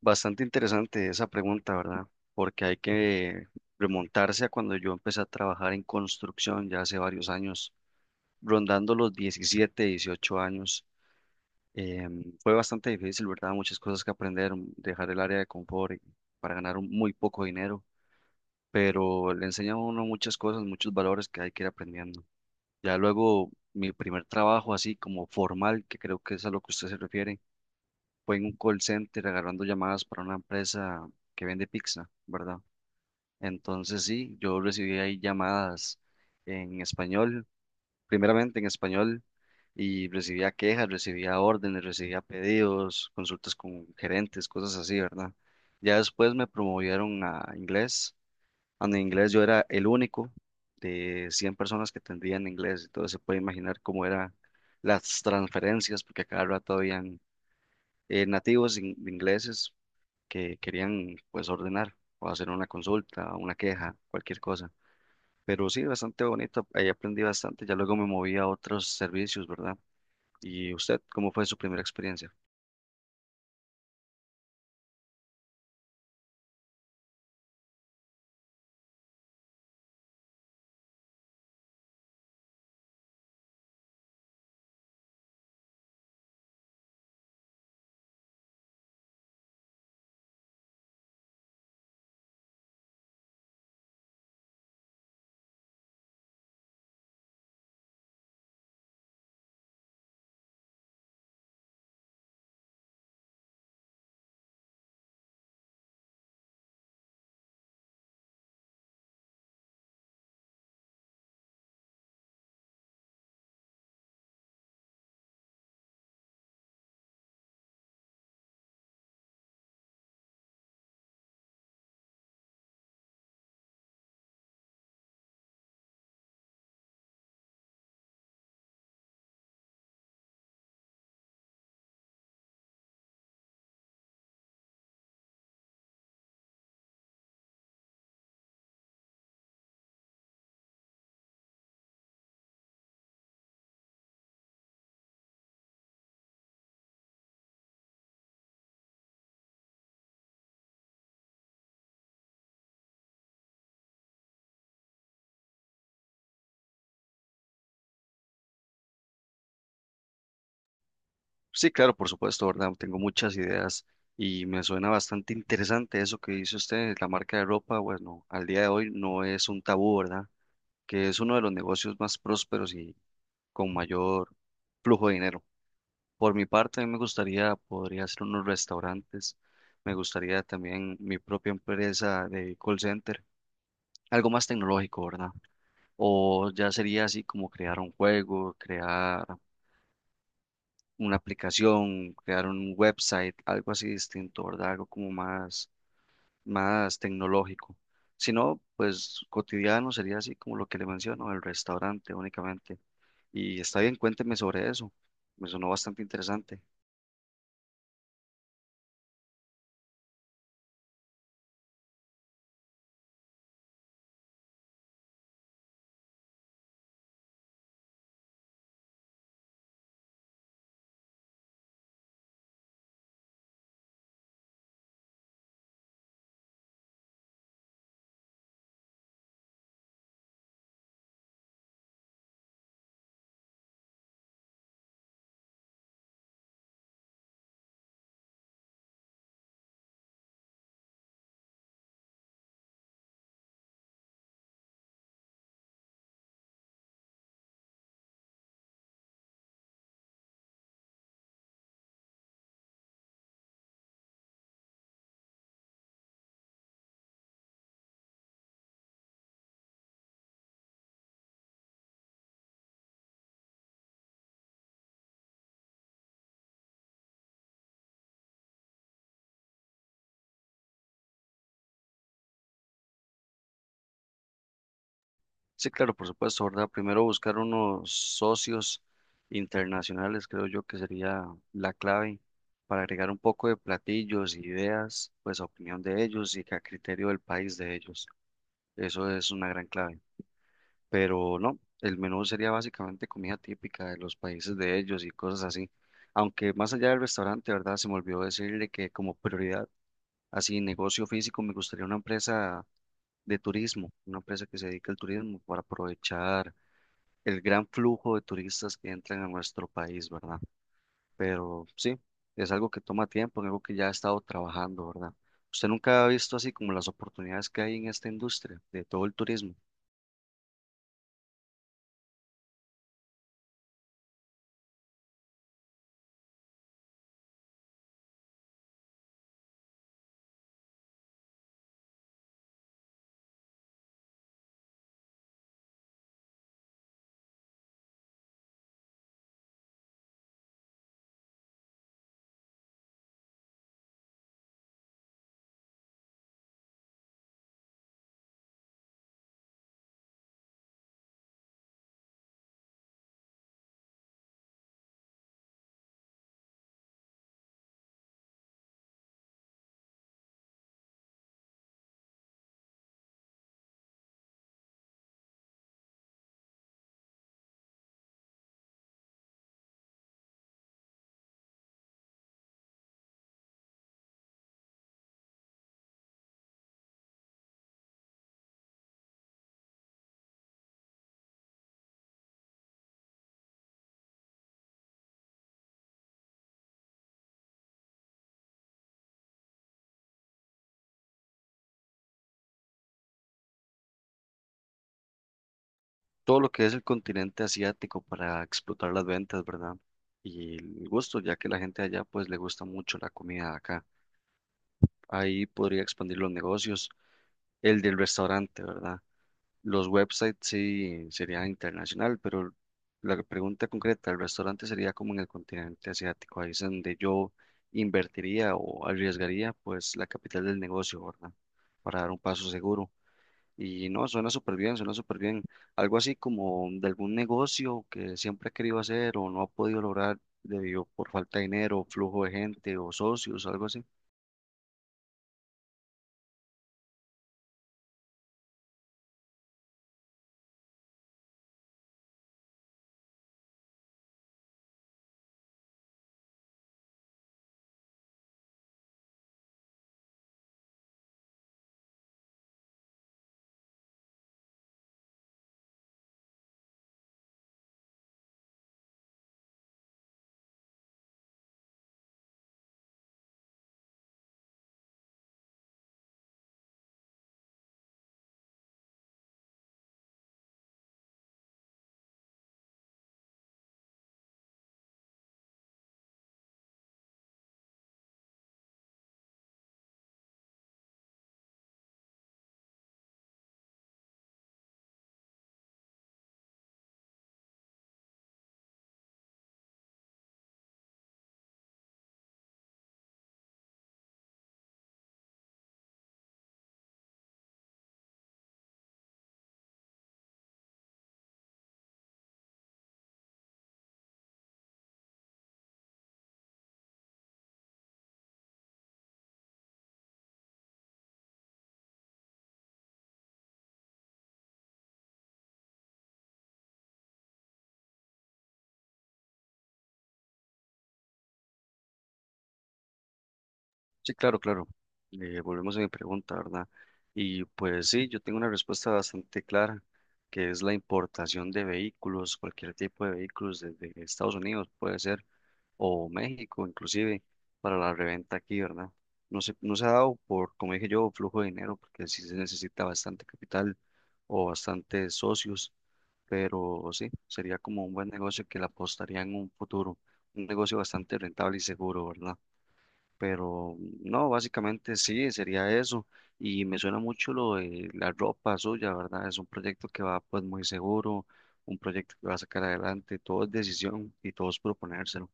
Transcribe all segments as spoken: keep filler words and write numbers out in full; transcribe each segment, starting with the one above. Bastante interesante esa pregunta, ¿verdad? Porque hay que remontarse a cuando yo empecé a trabajar en construcción ya hace varios años, rondando los diecisiete, dieciocho años. Em, fue bastante difícil, ¿verdad? Muchas cosas que aprender, dejar el área de confort y- para ganar un- muy poco dinero, pero le enseña a uno muchas cosas, muchos valores que hay que ir aprendiendo. Ya luego, mi primer trabajo así como formal, que creo que es a lo que usted se refiere, fue en un call center agarrando llamadas para una empresa que vende pizza, ¿verdad? Entonces sí, yo recibí ahí llamadas en español, primeramente en español, y recibía quejas, recibía órdenes, recibía pedidos, consultas con gerentes, cosas así, ¿verdad? Ya después me promovieron a inglés, donde en inglés yo era el único de cien personas que tendrían inglés, entonces se puede imaginar cómo eran las transferencias, porque a cada rato habían eh, nativos in- ingleses que querían pues ordenar o hacer una consulta, una queja, cualquier cosa. Pero sí, bastante bonito, ahí aprendí bastante, ya luego me moví a otros servicios, ¿verdad? ¿Y usted, cómo fue su primera experiencia? Sí, claro, por supuesto, ¿verdad? Tengo muchas ideas y me suena bastante interesante eso que dice usted, la marca de ropa, bueno, al día de hoy no es un tabú, ¿verdad? Que es uno de los negocios más prósperos y con mayor flujo de dinero. Por mi parte, a mí me gustaría, podría hacer unos restaurantes, me gustaría también mi propia empresa de call center, algo más tecnológico, ¿verdad? O ya sería así como crear un juego, crear una aplicación, crear un website, algo así distinto, ¿verdad? Algo como más, más tecnológico. Si no, pues cotidiano sería así como lo que le menciono, el restaurante únicamente. Y está bien, cuénteme sobre eso, me sonó bastante interesante. Sí, claro, por supuesto, ¿verdad? Primero buscar unos socios internacionales, creo yo que sería la clave para agregar un poco de platillos, ideas, pues a opinión de ellos y que a criterio del país de ellos. Eso es una gran clave. Pero no, el menú sería básicamente comida típica de los países de ellos y cosas así. Aunque más allá del restaurante, ¿verdad? Se me olvidó decirle que como prioridad, así negocio físico, me gustaría una empresa de turismo, una empresa que se dedique al turismo para aprovechar el gran flujo de turistas que entran a nuestro país, ¿verdad? Pero sí, es algo que toma tiempo, en algo que ya ha estado trabajando, ¿verdad? ¿Usted nunca ha visto así como las oportunidades que hay en esta industria de todo el turismo? Todo lo que es el continente asiático para explotar las ventas, ¿verdad? Y el gusto, ya que la gente allá pues le gusta mucho la comida de acá. Ahí podría expandir los negocios, el del restaurante, ¿verdad? Los websites sí sería internacional, pero la pregunta concreta, el restaurante sería como en el continente asiático, ahí es donde yo invertiría o arriesgaría pues la capital del negocio, ¿verdad? Para dar un paso seguro. Y no, suena súper bien, suena súper bien. Algo así como de algún negocio que siempre ha querido hacer o no ha podido lograr debido por falta de dinero, flujo de gente o socios, algo así. Sí, claro, claro. Eh, volvemos a mi pregunta, ¿verdad? Y pues sí, yo tengo una respuesta bastante clara, que es la importación de vehículos, cualquier tipo de vehículos desde Estados Unidos, puede ser, o México inclusive, para la reventa aquí, ¿verdad? No se, no se ha dado por, como dije yo, flujo de dinero, porque sí se necesita bastante capital o bastantes socios, pero sí, sería como un buen negocio que le apostaría en un futuro, un negocio bastante rentable y seguro, ¿verdad? Pero no, básicamente sí, sería eso. Y me suena mucho lo de la ropa suya, ¿verdad? Es un proyecto que va pues muy seguro, un proyecto que va a sacar adelante, todo es decisión y todo es proponérselo.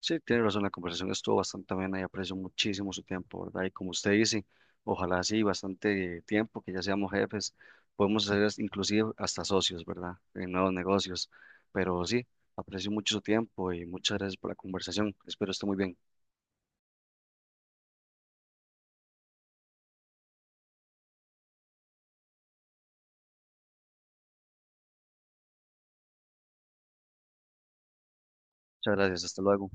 Sí, tiene razón, la conversación estuvo bastante amena y aprecio muchísimo su tiempo, ¿verdad? Y como usted dice, ojalá sí, bastante tiempo, que ya seamos jefes, podemos ser as- inclusive hasta socios, ¿verdad? En nuevos negocios. Pero sí, aprecio mucho su tiempo y muchas gracias por la conversación. Espero esté muy bien. Muchas gracias, hasta luego.